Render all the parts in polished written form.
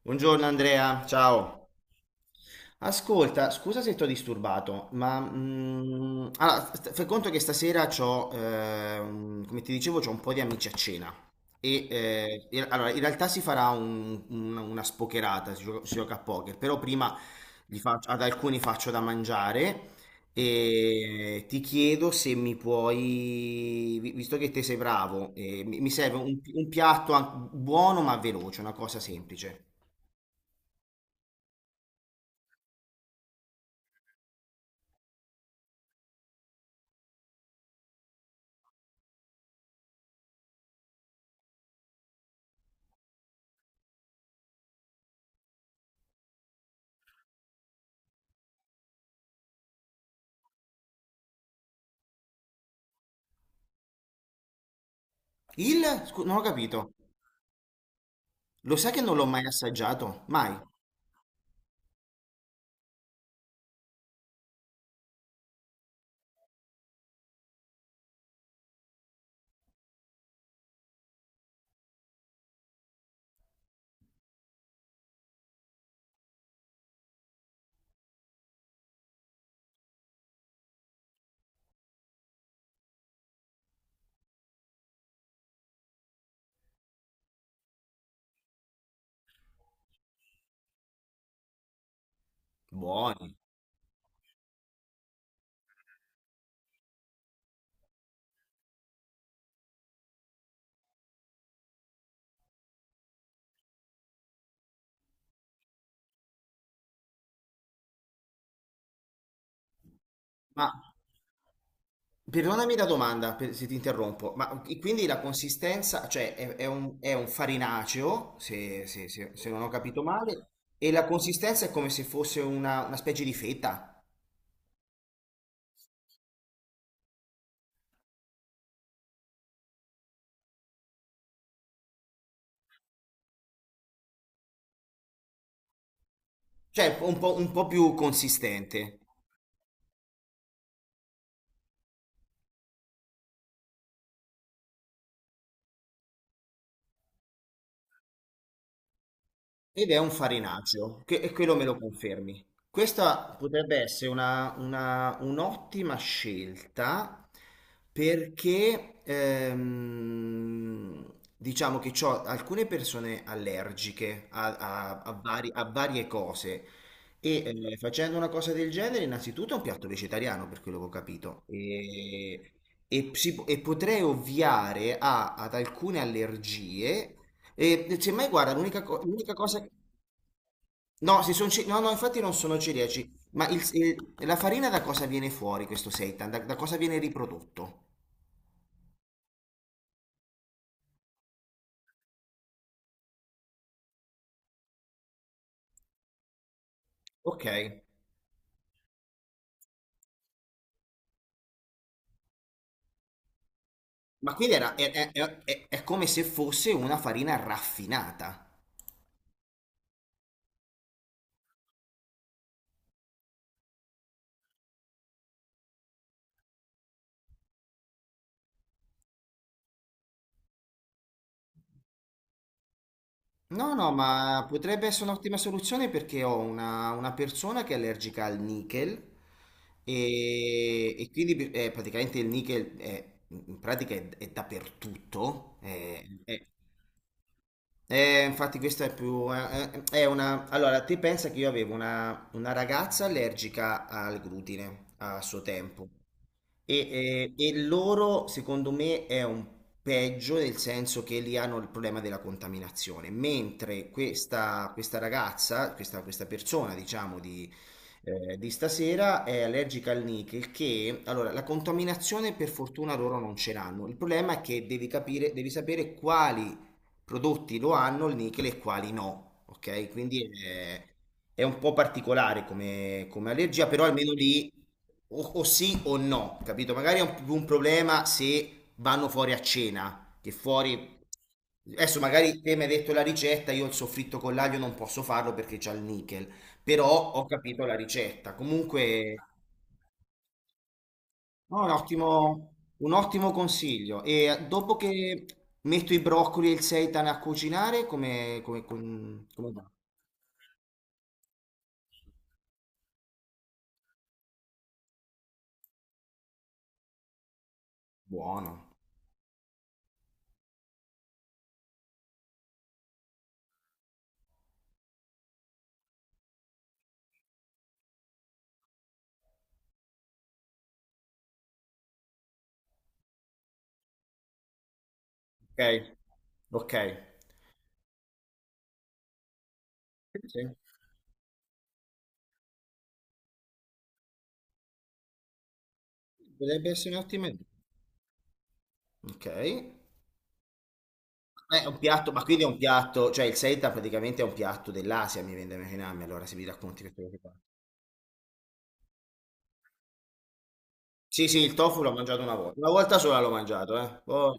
Buongiorno Andrea, ciao. Ascolta, scusa se ti ho disturbato, ma fai conto che stasera c'ho, come ti dicevo, c'ho un po' di amici a cena. Allora, in realtà si farà una spocherata, si gioca a poker, però prima ad alcuni faccio da mangiare e ti chiedo se mi puoi, visto che te sei bravo, mi serve un piatto buono ma veloce, una cosa semplice. Il? Non ho capito. Lo sai che non l'ho mai assaggiato? Mai. Buoni. Ma perdonami la domanda se ti interrompo, ma e quindi la consistenza, cioè è è un farinaceo, se non ho capito male, e la consistenza è come se fosse una specie di fetta, cioè un po' più consistente. Ed è un farinaggio, che, e quello me lo confermi. Questa potrebbe essere un'ottima scelta perché diciamo che ho alcune persone allergiche a varie cose e facendo una cosa del genere innanzitutto è un piatto vegetariano per quello che ho capito e, e potrei ovviare ad alcune allergie e cioè, ma guarda, l'unica cosa... No, no, no, infatti non sono celiaci, ma la farina da cosa viene fuori questo seitan? Da cosa viene riprodotto? Ok, ma quindi è, è come se fosse una farina raffinata. No, no, ma potrebbe essere un'ottima soluzione perché ho una persona che è allergica al nickel e quindi praticamente il nickel è, in pratica è dappertutto. Infatti questa è più... è una... Allora, te pensa che io avevo una ragazza allergica al glutine a suo tempo. E loro, secondo me, è un peggio nel senso che lì hanno il problema della contaminazione, mentre questa ragazza, questa persona, diciamo, di stasera è allergica al nickel, che allora la contaminazione per fortuna loro non ce l'hanno. Il problema è che devi capire, devi sapere quali prodotti lo hanno il nickel e quali no, ok? Quindi è un po' particolare come, come allergia, però almeno lì o sì o no, capito? Magari è più un problema se vanno fuori a cena, che fuori... Adesso magari te mi hai detto la ricetta, io il soffritto con l'aglio non posso farlo perché c'ha il nickel, però ho capito la ricetta. Comunque... No, è un ottimo consiglio. E dopo che metto i broccoli e il seitan a cucinare, come va? Buono. Ok, ok. Sì. Potrebbe essere un'ottima idea. Ok. È un piatto, ma quindi è un piatto, cioè il seitan praticamente è un piatto dell'Asia, mi viene da immaginarmi, allora se mi racconti questo che fa. Sì, sì, il tofu l'ho mangiato una volta. Una volta sola l'ho mangiato, eh. Poi...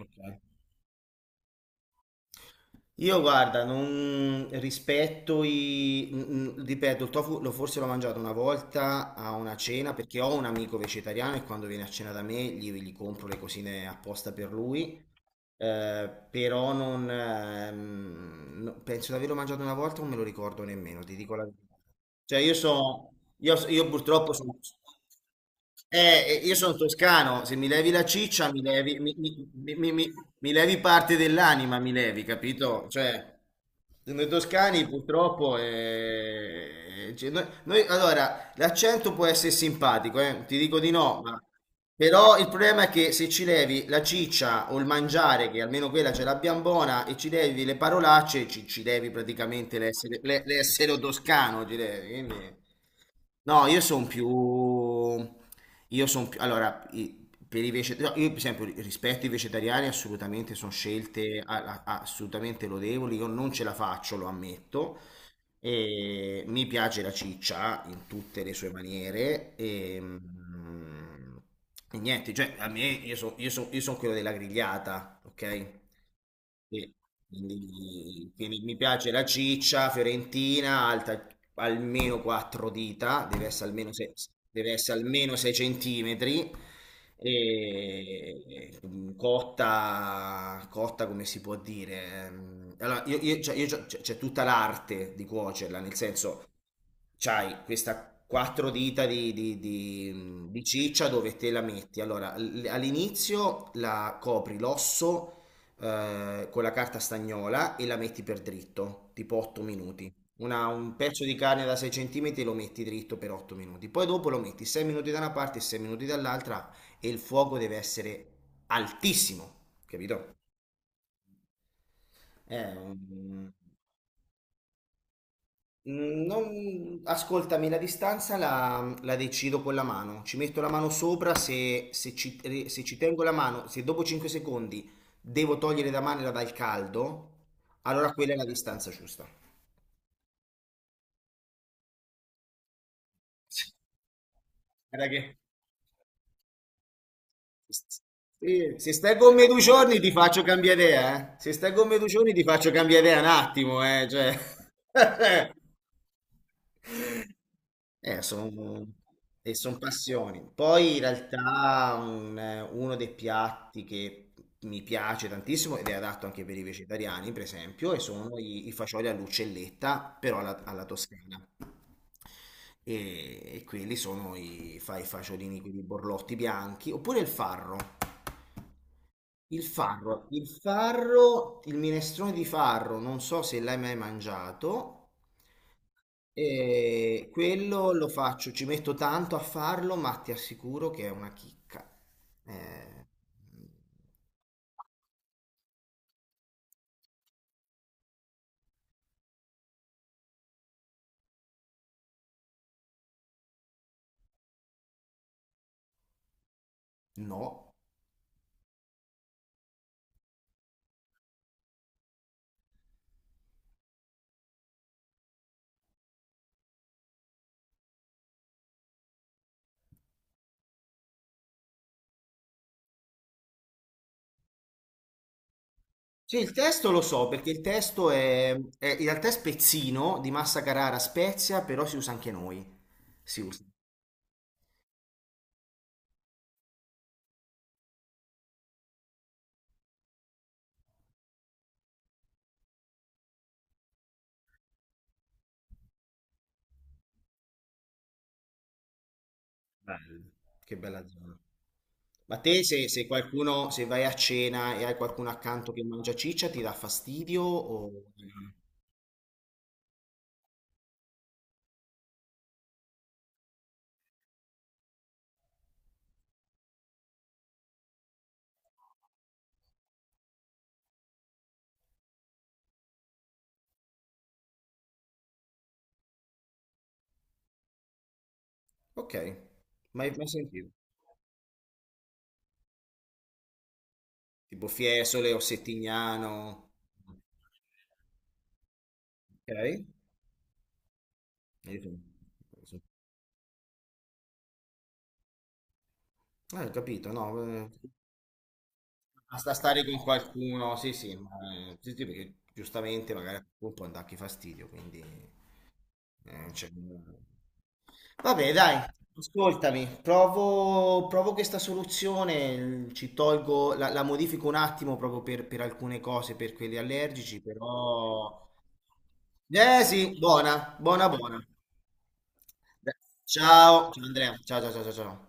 Ok. Io guarda, non rispetto i... ripeto, il tofu lo forse l'ho mangiato una volta a una cena perché ho un amico vegetariano e quando viene a cena da me gli compro le cosine apposta per lui. Però non... penso di averlo mangiato una volta, non me lo ricordo nemmeno, ti dico la verità. Cioè io sono... io purtroppo sono... Io sono toscano, se mi levi la ciccia mi levi, mi levi parte dell'anima, mi levi, capito? Cioè, noi toscani purtroppo cioè, allora, l'accento può essere simpatico, ti dico di no, ma... però il problema è che se ci levi la ciccia o il mangiare, che almeno quella ce l'abbiamo buona, e ci levi le parolacce, ci levi praticamente l'essere, l'essere toscano, ci levi, quindi... No, io sono più... Io sono più... Allora, per i vegetariani, io per esempio rispetto ai vegetariani assolutamente sono scelte assolutamente lodevoli, io non ce la faccio, lo ammetto, e mi piace la ciccia in tutte le sue maniere e, e niente, cioè a me io son quello della grigliata, ok? Sì, quindi, quindi mi piace la ciccia fiorentina, alta almeno 4 dita, deve essere almeno 6, deve essere almeno 6 centimetri e cotta, cotta come si può dire? Allora, cioè, c'è tutta l'arte di cuocerla, nel senso, c'hai questa quattro dita di ciccia dove te la metti. Allora, all'inizio la copri l'osso con la carta stagnola e la metti per dritto, tipo 8 minuti. Un pezzo di carne da 6 cm lo metti dritto per 8 minuti. Poi dopo lo metti 6 minuti da una parte e 6 minuti dall'altra e il fuoco deve essere altissimo, capito? È un... non... Ascoltami, la distanza la decido con la mano. Ci metto la mano sopra se, se ci tengo la mano, se dopo 5 secondi devo togliere la mano dal caldo, allora quella è la distanza giusta. Guarda che... Sì, se stai con me 2 giorni ti faccio cambiare idea, eh. Se stai con me 2 giorni ti faccio cambiare idea un attimo, eh. Cioè... sono, e son passioni. Poi in realtà uno dei piatti che mi piace tantissimo ed è adatto anche per i vegetariani, per esempio, e sono i fagioli all'uccelletta, però alla toscana. E quelli sono i fagiolini, quelli borlotti bianchi, oppure il farro. Il farro, il minestrone di farro, non so se l'hai mai mangiato. E quello lo faccio, ci metto tanto a farlo, ma ti assicuro che è una chicca. Eh, no. Sì, il testo lo so, perché il testo è, in realtà è spezzino di Massa Carrara Spezia, però si usa anche noi. Si usa. Bello. Che bella zona. Ma te se, se qualcuno, se vai a cena e hai qualcuno accanto che mangia ciccia, ti dà fastidio o... Ok, mai, mai sentito. Tipo Fiesole o Settignano. Ok? Io sono- sono- ho capito, no, basta stare con qualcuno, sì, sì, ma, sì, sì, perché giustamente magari a quel punto anche fastidio, quindi cioè, vabbè, dai, ascoltami, provo, provo questa soluzione, ci tolgo, la modifico un attimo proprio per alcune cose, per quelli allergici, però... Eh sì, buona, buona, buona. Ciao, ciao Andrea, ciao, ciao, ciao, ciao, ciao.